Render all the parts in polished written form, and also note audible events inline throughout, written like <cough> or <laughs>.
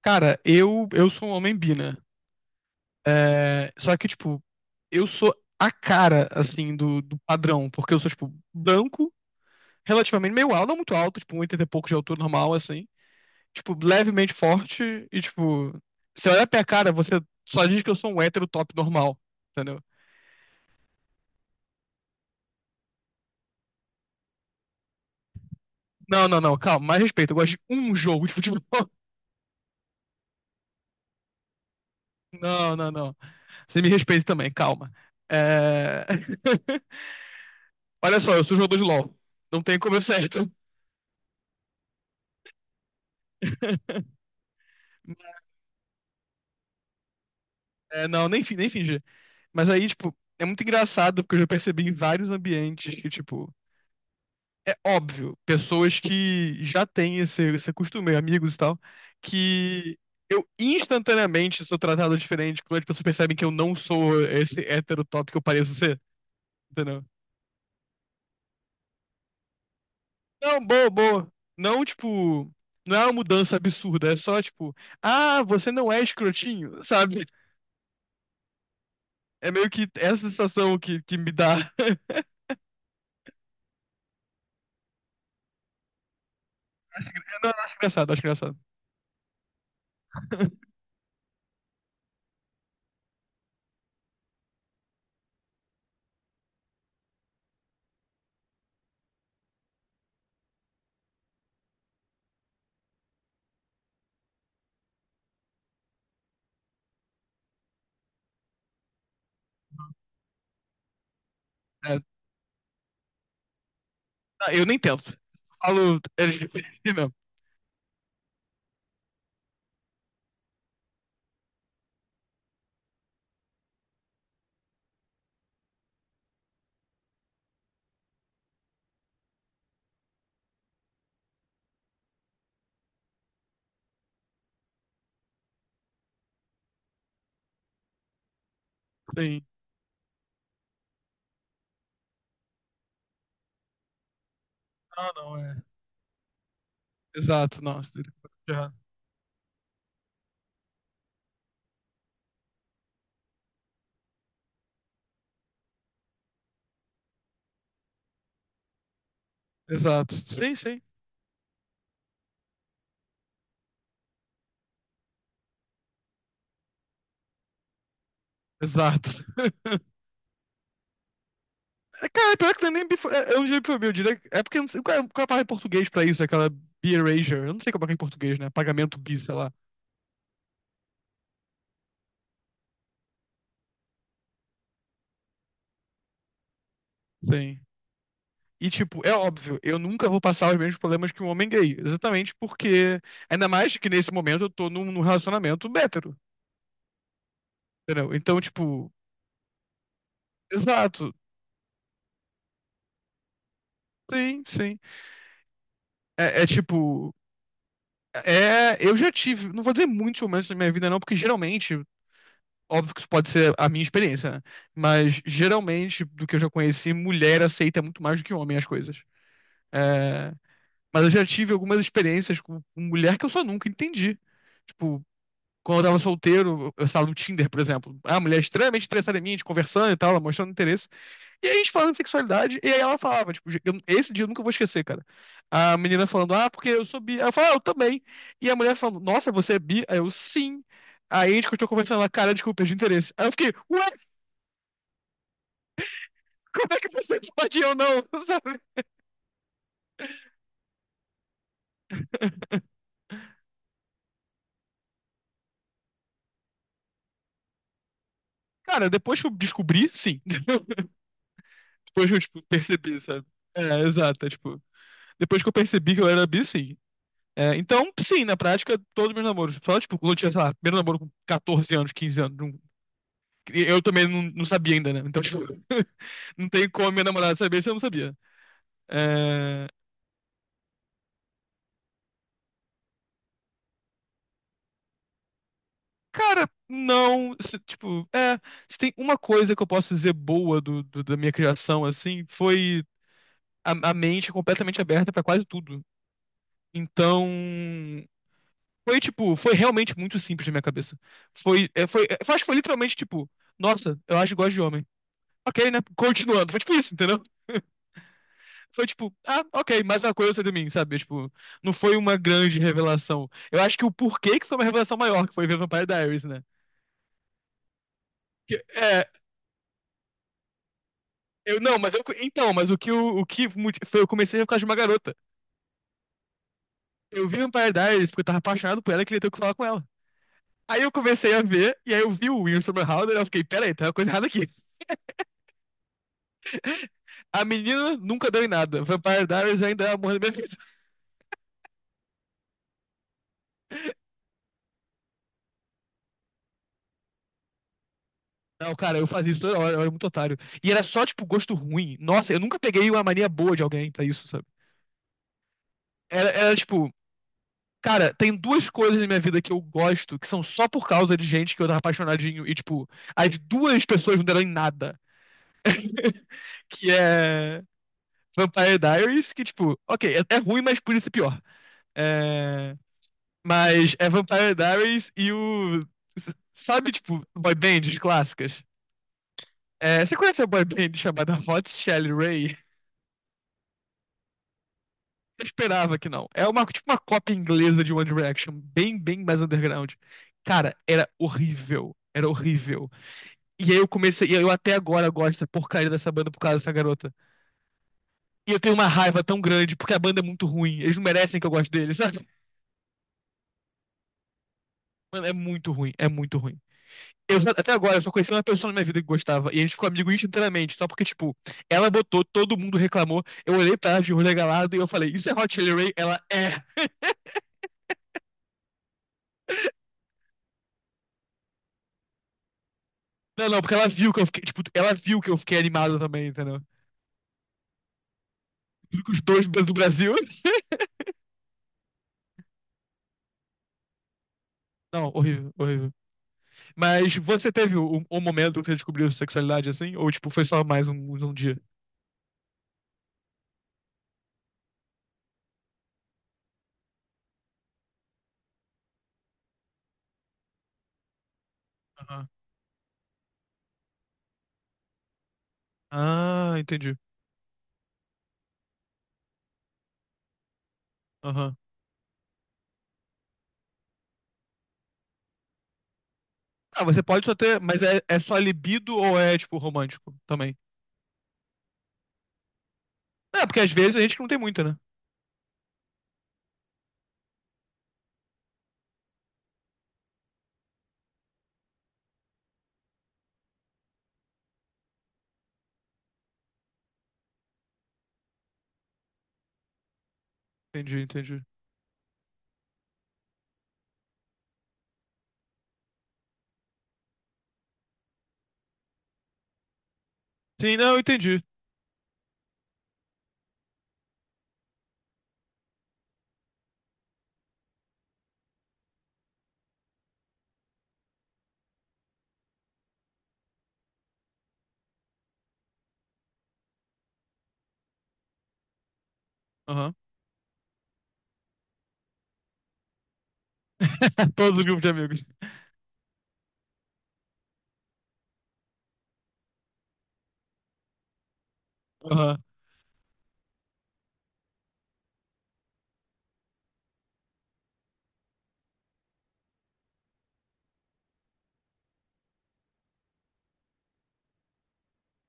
Cara, eu sou um homem bi, né? É, só que, tipo, eu sou a cara, assim, do padrão, porque eu sou, tipo, branco, relativamente meio alto, não muito alto, tipo, 1,80 e pouco de altura normal, assim. Tipo, levemente forte e, tipo, você olha pra minha cara, você só diz que eu sou um hétero top normal, entendeu? Não, não, não, calma, mais respeito, eu gosto de um jogo de futebol. <laughs> Não, não, não. Você me respeita também, calma. É... <laughs> Olha só, eu sou jogador de LoL. Não tem como eu ser hétero. <laughs> É, não, nem fingi. Mas aí, tipo, é muito engraçado porque eu já percebi em vários ambientes que, tipo, é óbvio, pessoas que já têm esse costume, amigos e tal, que eu instantaneamente sou tratado diferente quando as pessoas percebem que eu não sou esse hétero top que eu pareço ser, entendeu? Não, boa, boa. Não, tipo, não é uma mudança absurda, é só, tipo, ah, você não é escrotinho, <laughs> sabe? É meio que essa sensação que me dá. <laughs> Acho, não, acho engraçado, acho engraçado. <laughs> É, ah, eu nem tento. Falo LGBT mesmo. Sim. Ah, não, é. Exato, nossa. Ele falou errado. Exato. Sim, sim. Exato. <laughs> É, cara, pior que não é nem bifo... é um jeito pra eu diria. É porque eu não sei qual é a palavra em português pra isso, é aquela bi-erasure. Eu não sei como é que é em português, né? Pagamento bi, sei lá. Sim. E, tipo, é óbvio, eu nunca vou passar os mesmos problemas que um homem gay. Exatamente porque. Ainda mais que nesse momento eu tô num relacionamento hétero. Entendeu? Então, tipo, exato. Sim, sim. É, tipo. É, eu já tive, não vou dizer muitos momentos na minha vida, não, porque geralmente, óbvio que isso pode ser a minha experiência, né? Mas geralmente, do que eu já conheci, mulher aceita muito mais do que homem as coisas. É, mas eu já tive algumas experiências com mulher que eu só nunca entendi. Tipo, quando eu tava solteiro, eu estava no Tinder, por exemplo. Ah, mulher extremamente interessada em mim, a gente conversando e tal, ela mostrando interesse. E aí a gente falando de sexualidade, e aí ela falava, tipo, esse dia eu nunca vou esquecer, cara. A menina falando, ah, porque eu sou bi. Ela falou, ah, eu também. E a mulher falando, nossa, você é bi? Aí eu, sim. Aí a gente continuou conversando, ela, cara, desculpa, perdi o interesse. Aí eu fiquei, ué, como é que você <laughs> pode e eu não? <laughs> Sabe? Cara, depois que eu descobri, sim. <laughs> Depois que eu, tipo, percebi, sabe? É, exato, é, tipo, depois que eu percebi que eu era bi, sim. É, então, sim, na prática, todos meus namoros. Só, tipo, quando eu tinha, sei lá, primeiro namoro com 14 anos, 15 anos. Eu também não, não sabia ainda, né? Então, tipo, não tem como a minha namorada saber se eu não sabia. É, cara, não. Tipo, é. Se tem uma coisa que eu posso dizer boa da minha criação, assim, foi a mente completamente aberta pra quase tudo. Então. Tipo, foi realmente muito simples na minha cabeça. Foi, acho que foi literalmente, tipo, nossa, eu acho que gosto de homem. Ok, né? Continuando. Foi tipo isso, entendeu? Foi tipo, ah, ok, mais uma coisa de mim, sabe? Tipo, não foi uma grande revelação. Eu acho que o porquê que foi uma revelação maior, que foi ver Vampire Diaries, né? É, eu não, mas eu. Então, mas o que foi, eu comecei a ver por causa de uma garota. Eu vi Vampire Diaries porque eu tava apaixonado por ela e queria ter o que falar com ela. Aí eu comecei a ver, e aí eu vi o William Somerhalder e eu fiquei, peraí, tem uma coisa errada aqui. <laughs> A menina nunca deu em nada. Vampire Diaries ainda é o amor da minha vida. Não, cara, eu fazia isso toda hora, eu era muito otário. E era só, tipo, gosto ruim. Nossa, eu nunca peguei uma mania boa de alguém pra isso, sabe? Era tipo, cara, tem duas coisas na minha vida que eu gosto que são só por causa de gente que eu tava apaixonadinho e, tipo, as duas pessoas não deram em nada. <laughs> Que é Vampire Diaries, que, tipo, ok, é ruim, mas por isso é pior. É, mas é Vampire Diaries e o. Sabe, tipo, boy bands clássicas? É, você conhece a boy band <laughs> chamada Hot Shelly Ray? Eu esperava que não. É uma, tipo uma cópia inglesa de One Direction, bem, bem mais underground. Cara, era horrível. Era horrível. E aí eu comecei, e eu até agora gosto dessa porcaria dessa banda por causa dessa garota. E eu tenho uma raiva tão grande porque a banda é muito ruim. Eles não merecem que eu goste deles, sabe? Mano, é muito ruim, é muito ruim. Até agora eu só conheci uma pessoa na minha vida que gostava, e a gente ficou amigo inteiramente, só porque, tipo, ela botou, todo mundo reclamou. Eu olhei pra ela de olho regalado e eu falei, isso é Hot Chili Ray? Ela é. Não, não, porque ela viu que eu fiquei, tipo, ela viu que eu fiquei animado também, entendeu? Tudo que os dois do Brasil. <laughs> Não, horrível, horrível. Mas você teve um momento que você descobriu sua sexualidade assim? Ou, tipo, foi só mais um dia? Aham. Ah, entendi. Aham. Ah, você pode só ter, mas é só libido ou é, tipo, romântico também? É, porque às vezes a gente não tem muita, né? Entendi, entendi. Sim, não, entendi. Aham. <laughs> Todos os grupos de amigos. Aham.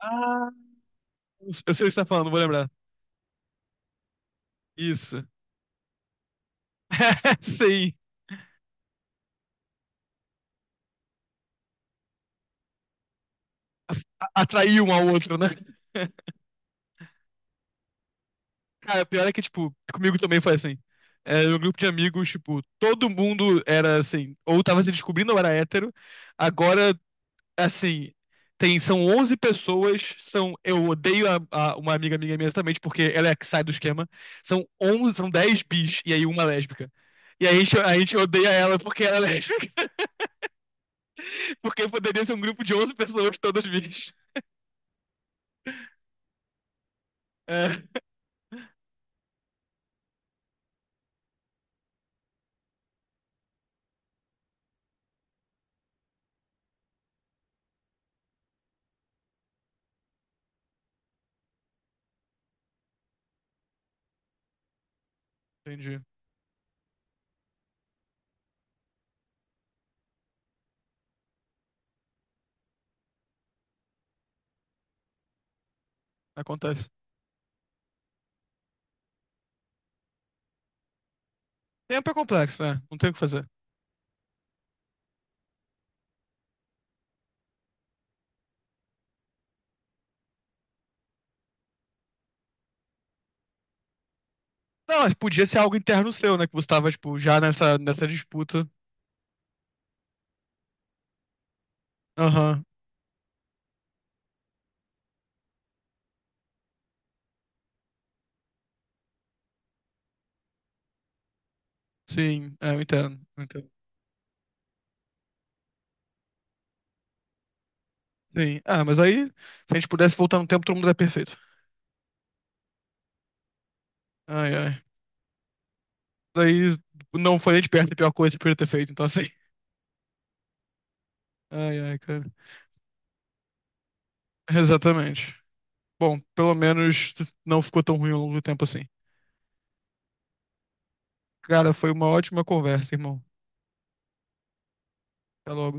Ah, eu sei o que você tá falando, vou lembrar. Isso. <laughs> Sim. Atrair um ao outro, né? <laughs> Cara, o pior é que, tipo, comigo também foi assim. Era um grupo de amigos, tipo, todo mundo era assim, ou tava se descobrindo ou era hétero. Agora, assim, tem, são 11 pessoas, eu odeio uma amiga minha imensamente porque ela é a que sai do esquema. São 11, são 10 bis e aí uma é lésbica. E aí a gente odeia ela porque ela é lésbica, <laughs> porque poderia ser um grupo de 11 pessoas todas bis. É, entendi. Acontece. Tempo é complexo, né? Não tem o que fazer. Não, mas podia ser algo interno seu, né? Que você tava, tipo, já nessa disputa. Aham, sim, é, eu entendo, eu entendo. Sim. Ah, mas aí, se a gente pudesse voltar no tempo, todo mundo era perfeito. Ai, ai. Daí não foi nem de perto a pior coisa que podia ter feito, então <laughs> assim. Ai, ai, cara. Exatamente. Bom, pelo menos não ficou tão ruim ao longo do tempo assim. Cara, foi uma ótima conversa, irmão. Até logo.